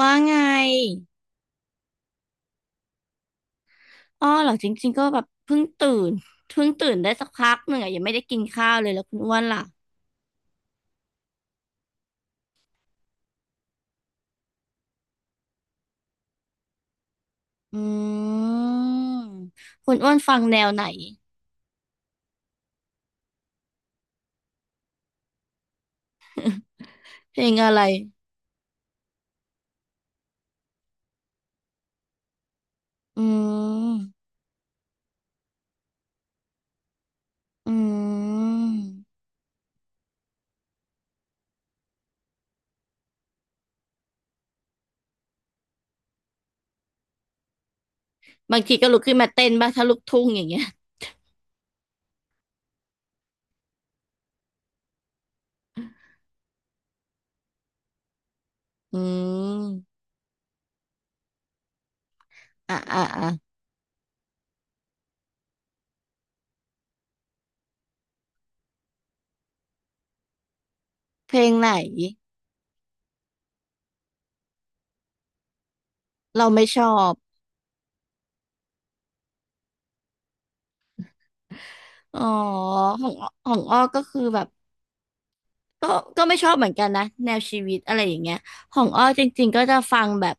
ว่าไงอ้อเหรอจริงๆ ก็แบบเพิ่งตื่นเพิ่งตื่นได้สักพักหนึ่งอะยังไม่ได้กินข้าวเลยแล้วคุณอ้วนล่ะอืมคุณอ้วนฟังแนวไหน เพลงอะไรอืมอืมบางทีก็ลุกขึ้นมาเต้นบ้างถ้าลูกทุ่งอย่างเงี้ยอืมอ่ะอ่ะอ่ะเพลงไหน เราไม่ชอบอ๋อของของอ้อก็คือแบบ ก็ก็ไม่ชอบเหมือนกันนะแนวชีวิตอะไรอย่างเงี้ยของอ้อจริงๆก็จะฟังแบบ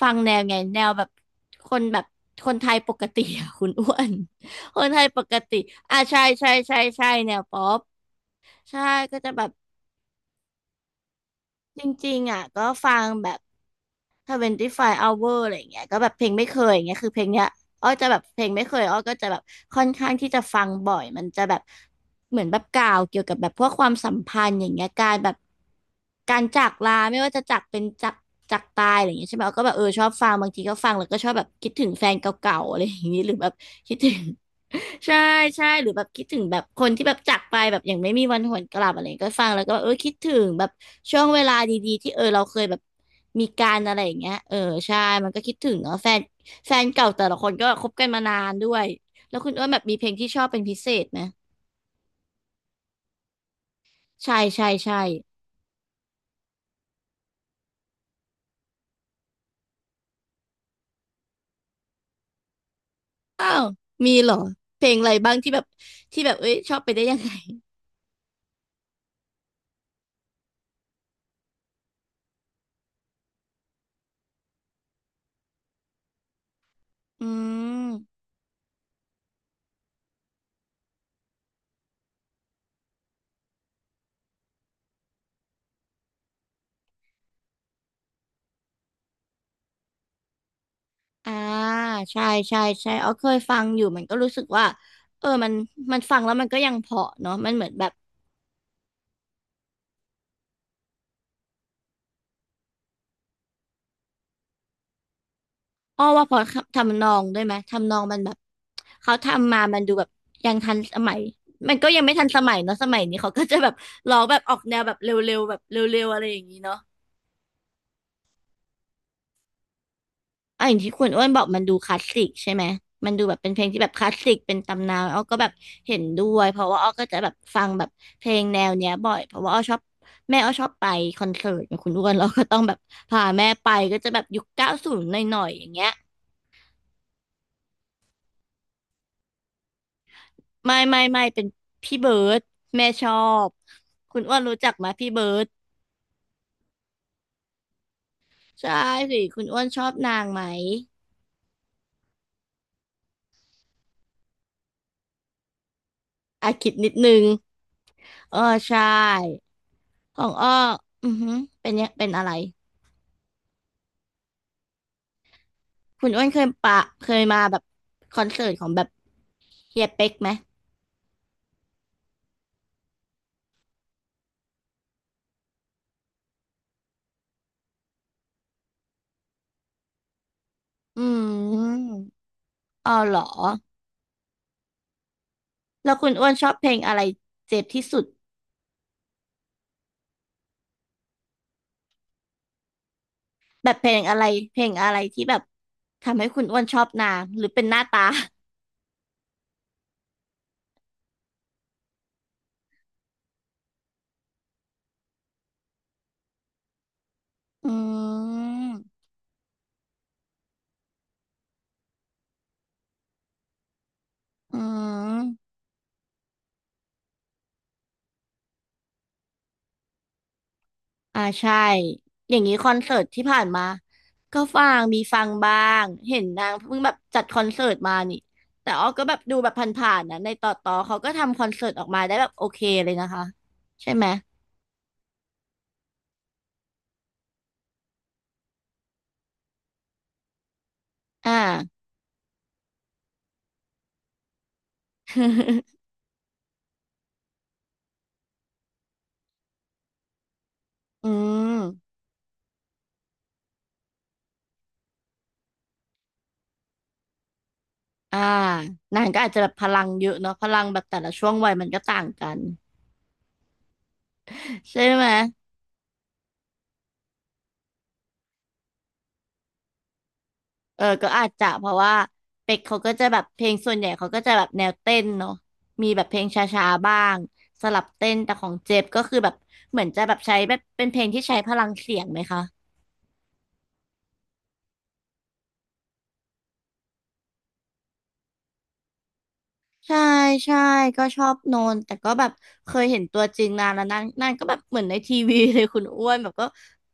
ฟังแนวไงแนวแบบคนแบบคนไทยปกติอะคุณอ้วน คนไทยปกติอ่ะใช่ใช่ใช่ใช่แนวป๊อปใช่ก็จะแบบจริงๆอ่ะก็ฟังแบบ 25 hour อะไรอย่างเงี้ยก็แบบเพลงไม่เคยอย่างเงี้ยคือเพลงเนี้ยอ้อจะแบบเพลงไม่เคยอ้อก็จะแบบค่อนข้างที่จะฟังบ่อยมันจะแบบเหมือนแบบกล่าวเกี่ยวกับแบบพวกความสัมพันธ์อย่างเงี้ยการแบบการจากลาไม่ว่าจะจากเป็นจากจากตายอะไรอย่างเงี้ยใช่ไหมอ้อก็แบบเออชอบฟังบางทีก็ฟังแล้วก็ชอบแบบคิดถึงแฟนเก่าๆอะไรอย่างงี้หรือแบบคิดถึง ใช่ใช่หรือแบบคิดถึงแบบคนที่แบบจากไปแบบอย่างไม่มีวันหวนกลับอะไรอย่างเงี้ยก็ฟังแล้วก็แบบเออคิดถึงแบบช่วงเวลาดีๆที่เออเราเคยแบบมีการอะไรอย่างเงี้ยเออใช่มันก็คิดถึงเนาะแฟนแฟนเก่าแต่ละคนก็คบกันมานานด้วยแล้วคุณอ้วนแบบมีเพลงที่ชอบเป็นพิเศษไหมใช่ใช่ใช่อ้าวมีเหรอเพลงอะไรบ้างที่แบบที่แบบเอ้ยชอบไปได้ยังไงอืม อ่าใช่ใช่ใช่อ๋อเคยฟังอยู่มันก็รู้สึกว่าเออมันมันฟังแล้วมันก็ยังเพราะเนาะมันเหมือนแบบอ้อว่าเพราะทำนองด้วยไหมทำนองมันแบบเขาทำมามันดูแบบยังทันสมัยมันก็ยังไม่ทันสมัยเนาะสมัยนี้เขาก็จะแบบร้องแบบออกแนวแบบเร็วๆแบบเร็วๆอะไรอย่างนี้เนาะ อ่ะอย่างที่คุณอ้วนบอกมันดูคลาสสิกใช่ไหมมันดูแบบเป็นเพลงที่แบบคลาสสิกเป็นตำนานอ้อก็แบบเห็นด้วยเพราะว่าอ้อก็จะแบบฟังแบบเพลงแนวเนี้ยบ่อยเพราะว่าอ้อชอบแม่อ้อชอบไปคอนเสิร์ตกับคุณอ้วนเราก็ต้องแบบพาแม่ไปก็จะแบบยุค90หน่อยๆอย่างเงี้ยไม่เป็นพี่เบิร์ดแม่ชอบคุณอ้วนรู้จักไหมพี่เบิร์ดใช่สิคุณอ้วนชอบนางไหมอ่ะคิดนิดนึงเออใช่ของอ้ออือหือเป็นเนี่ยเป็นอะไร คุณอ้วนเคยปะเคยมาแบบคอนเสิร์ตของแบบเฮียเป๊กไหม อืม อ๋อเหรอ แล้วคุณอ้วนชอบเพลงอะไรเจ็บที่สุด แบบเพลงอะไร เพลงอะไรที่แบบทำให้คุณอ้วนชอบนางหรือเป็นหน้าตา อืม อืม อ่าใช่อย่างนี้คอนเสิร์ตที่ผ่านมาก็ฟังมีฟังบ้างเห็นนางเพิ่งแบบจัดคอนเสิร์ตมานี่แต่อ้อก็แบบดูแบบผ่านๆนะในต่อเขาก็ทำคอนเสิร์ตออกมาได้แบบโอเคเลยนะคะใช่ไหมอ่า อืมอ่านางก็อาจจะแบบพลังเยอะเนาะพลังแบบแต่ละช่วงวัยมันก็ต่างกัน ใช่ไหม เออก็อาจจะเพราะว่าเป็กเขาก็จะแบบเพลงส่วนใหญ่เขาก็จะแบบแนวเต้นเนาะมีแบบเพลงช้าๆบ้างสลับเต้นแต่ของเจฟก็คือแบบเหมือนจะแบบใช้แบบเป็นเพลงที่ใช้พลังเสียงไหมคะ ใช่ใช่ก็ชอบโนนแต่ก็แบบเคยเห็นตัวจริงนานแล้วนางนางก็แบบเหมือนในทีวีเลยคุณอ้วนแบบก็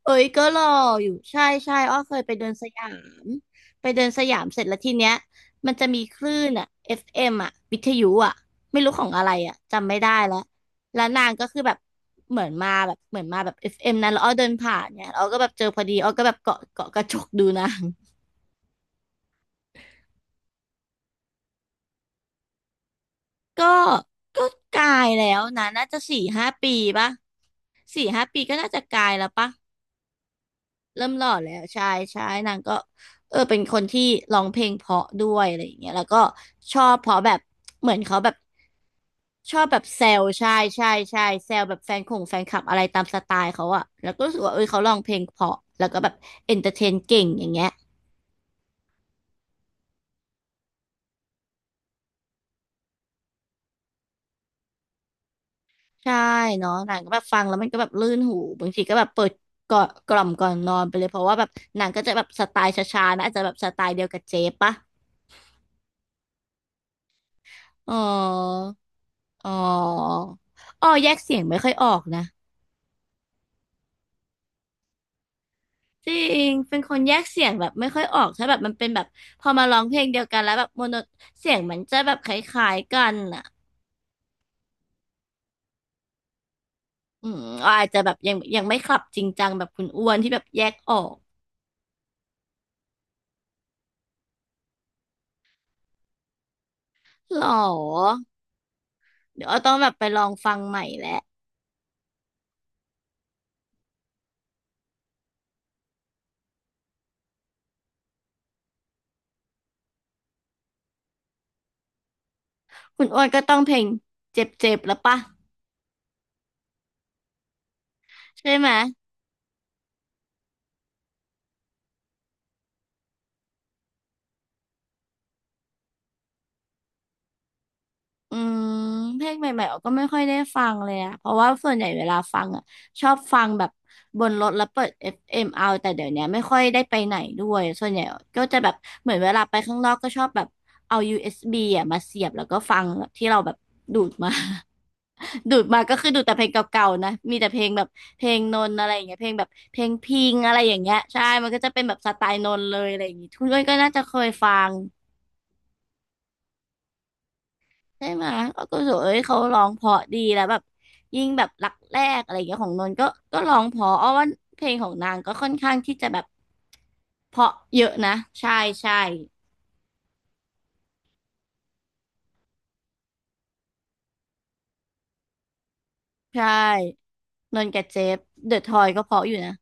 เอ้ยก็หล่ออยู่ใช่ใช่อ้อเคยไปเดินสยามไปเดินสยามเสร็จแล้วทีเนี้ยมันจะมีคลื่นอ่ะ FM อฟเอ็มอ่ะวิทยุอ่ะไม่รู้ของอะไรอ่ะจำไม่ได้แล้วแล้วนางก็คือแบบเหมือนมาแบบเหมือนมาแบบ FM นั้นแล้วอ้อเดินผ่านเนี่ยแล้วอ้อก็แบบเจอพอดีอ้อก็แบบเกาะเกาะกระจกดูนาง ก็ก็กลายแล้วนะน่าจะสี่ห้าปีปะสี่ห้าปีก็น่าจะกลายแล้วปะเริ่มหล่อแล้วใช่ใช่นางก็เออเป็นคนที่ร้องเพลงเพราะด้วยอะไรอย่างเงี้ยแล้วก็ชอบเพราะแบบเหมือนเขาแบบชอบแบบแซวใช่ใช่ใช่แซวแบบแฟนคงแฟนคลับอะไรตามสไตล์เขาอะแล้วก็รู้สึกว่าเออเขาร้องเพลงเพราะแล้วก็แบบเอนเตอร์เทนเก่งอย่างเงี้ย ใช่เนาะหนังก็แบบฟังแล้วมันก็แบบลื่นหูบางทีก็แบบเปิดก่อนกล่อมก่อนนอนไปเลยเพราะว่าแบบหนังก็จะแบบสไตล์ช้าๆนะอาจจะแบบสไตล์เดียวกับเจ๊ปะอ๋ออ๋ออ๋อแยกเสียงไม่ค่อยออกนะจริงเป็นคนแยกเสียงแบบไม่ค่อยออกถ้าแบบมันเป็นแบบพอมาร้องเพลงเดียวกันแล้วแบบโมโนเสียงมันจะแบบคล้ายๆกันอ่ะอืมอาจจะแบบยังไม่คลับจริงจังแบบคุณอ้วนที่แบบแยกออกหรอเดี๋ยวเอต้องแบบไปลองฟังใหม่แล้ว คุณอ้วนก็ต้องเพลงเจ็บๆแล้วปะใช่ไหมอืมเพลงใหม่ๆออกก็ไม่ค่อยได้ฟังเลยอะเพราะว่าส่วนใหญ่เวลาฟังอะชอบฟังแบบบนรถแล้วเปิดเอฟเอมเอาแต่เดี๋ยวเนี้ยไม่ค่อยได้ไปไหนด้วยส่วนใหญ่ก็จะแบบเหมือนเวลาไปข้างนอกก็ชอบแบบเอา USB อสบีอะมาเสียบแล้วก็ฟังแบบที่เราแบบดูดมา ดูดมาก็คือดูดแต่เพลงเก่าๆนะมีแต่เพลงแบบเพลงนนท์อะไรอย่างเงี้ยเพลงแบบเพลงพิงอะไรอย่างเงี้ยใช่มันก็จะเป็นแบบสไตล์นนท์เลยอะไรอย่างงี้ทุกคนก็น่าจะเคยฟัง ใช่ไหมก็รู้สึกวเอ้ยเขาร้องเพราะดีแล้วแบบยิ่งแบบรักแรกอะไรอย่างเงี้ยของนนท์ก็ก็ร้องเพราะอ้อว่าเพลงของนางก็ค่อนข้างที่จะแบบเพราะเยอะนะใช่ใช่ใช่นนท์กับเจฟเดอะทอยก็เพราะอยู่นะ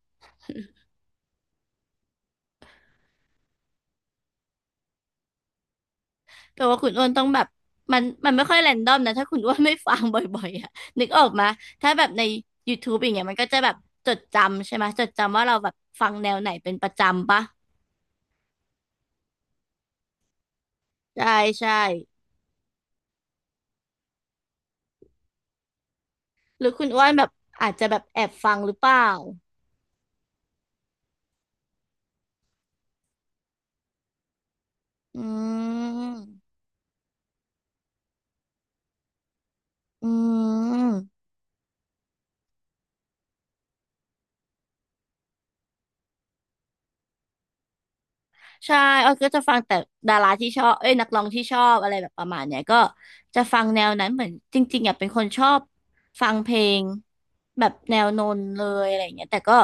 แต่ว่าคุณอ้วนต้องแบบมันไม่ค่อยแรนดอมนะถ้าคุณอ้วนไม่ฟังบ่อยๆอ่ะนึกออกมาถ้าแบบใน YouTube อย่างเงี้ยมันก็จะแบบจดจำใช่ไหมจดจำว่าเราแบบฟังแนวไหนเป็นประจำปะใช่ใช่หรือคุณอ้วนแบบอาจจะแบบแอบฟังหรือเปล่า อืมอืมใช่ออยก็จะฟังแต่ดาราที่ชอบเอ้ยนักร้องที่ชอบอะไรแบบประมาณเนี้ยก็จะฟังแนวนั้นเหมือนจริงๆอยากเป็นคนชอบฟังเพลงแบบแนวนนเลยอะไรอย่างเงี้ยแต่ก็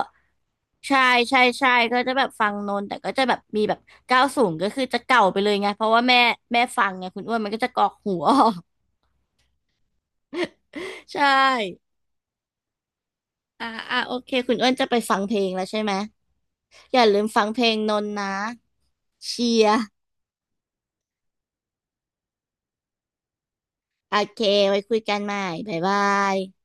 ใช่ใช่ใช่ก็จะแบบฟังนนแต่ก็จะแบบมีแบบก้าวสูงก็คือจะเก่าไปเลยไงเพราะว่าแม่ฟังไงคุณอ้วนมันก็จะกรอกหูออก ใช่อ่าอ่าโอเคคุณอ้วนจะไปฟังเพลงแล้วใช่ไหม อย่าลืมฟังเพลงนนนะเชียร์ โอเคไว้คุยกันใหม่บ๊ายบาย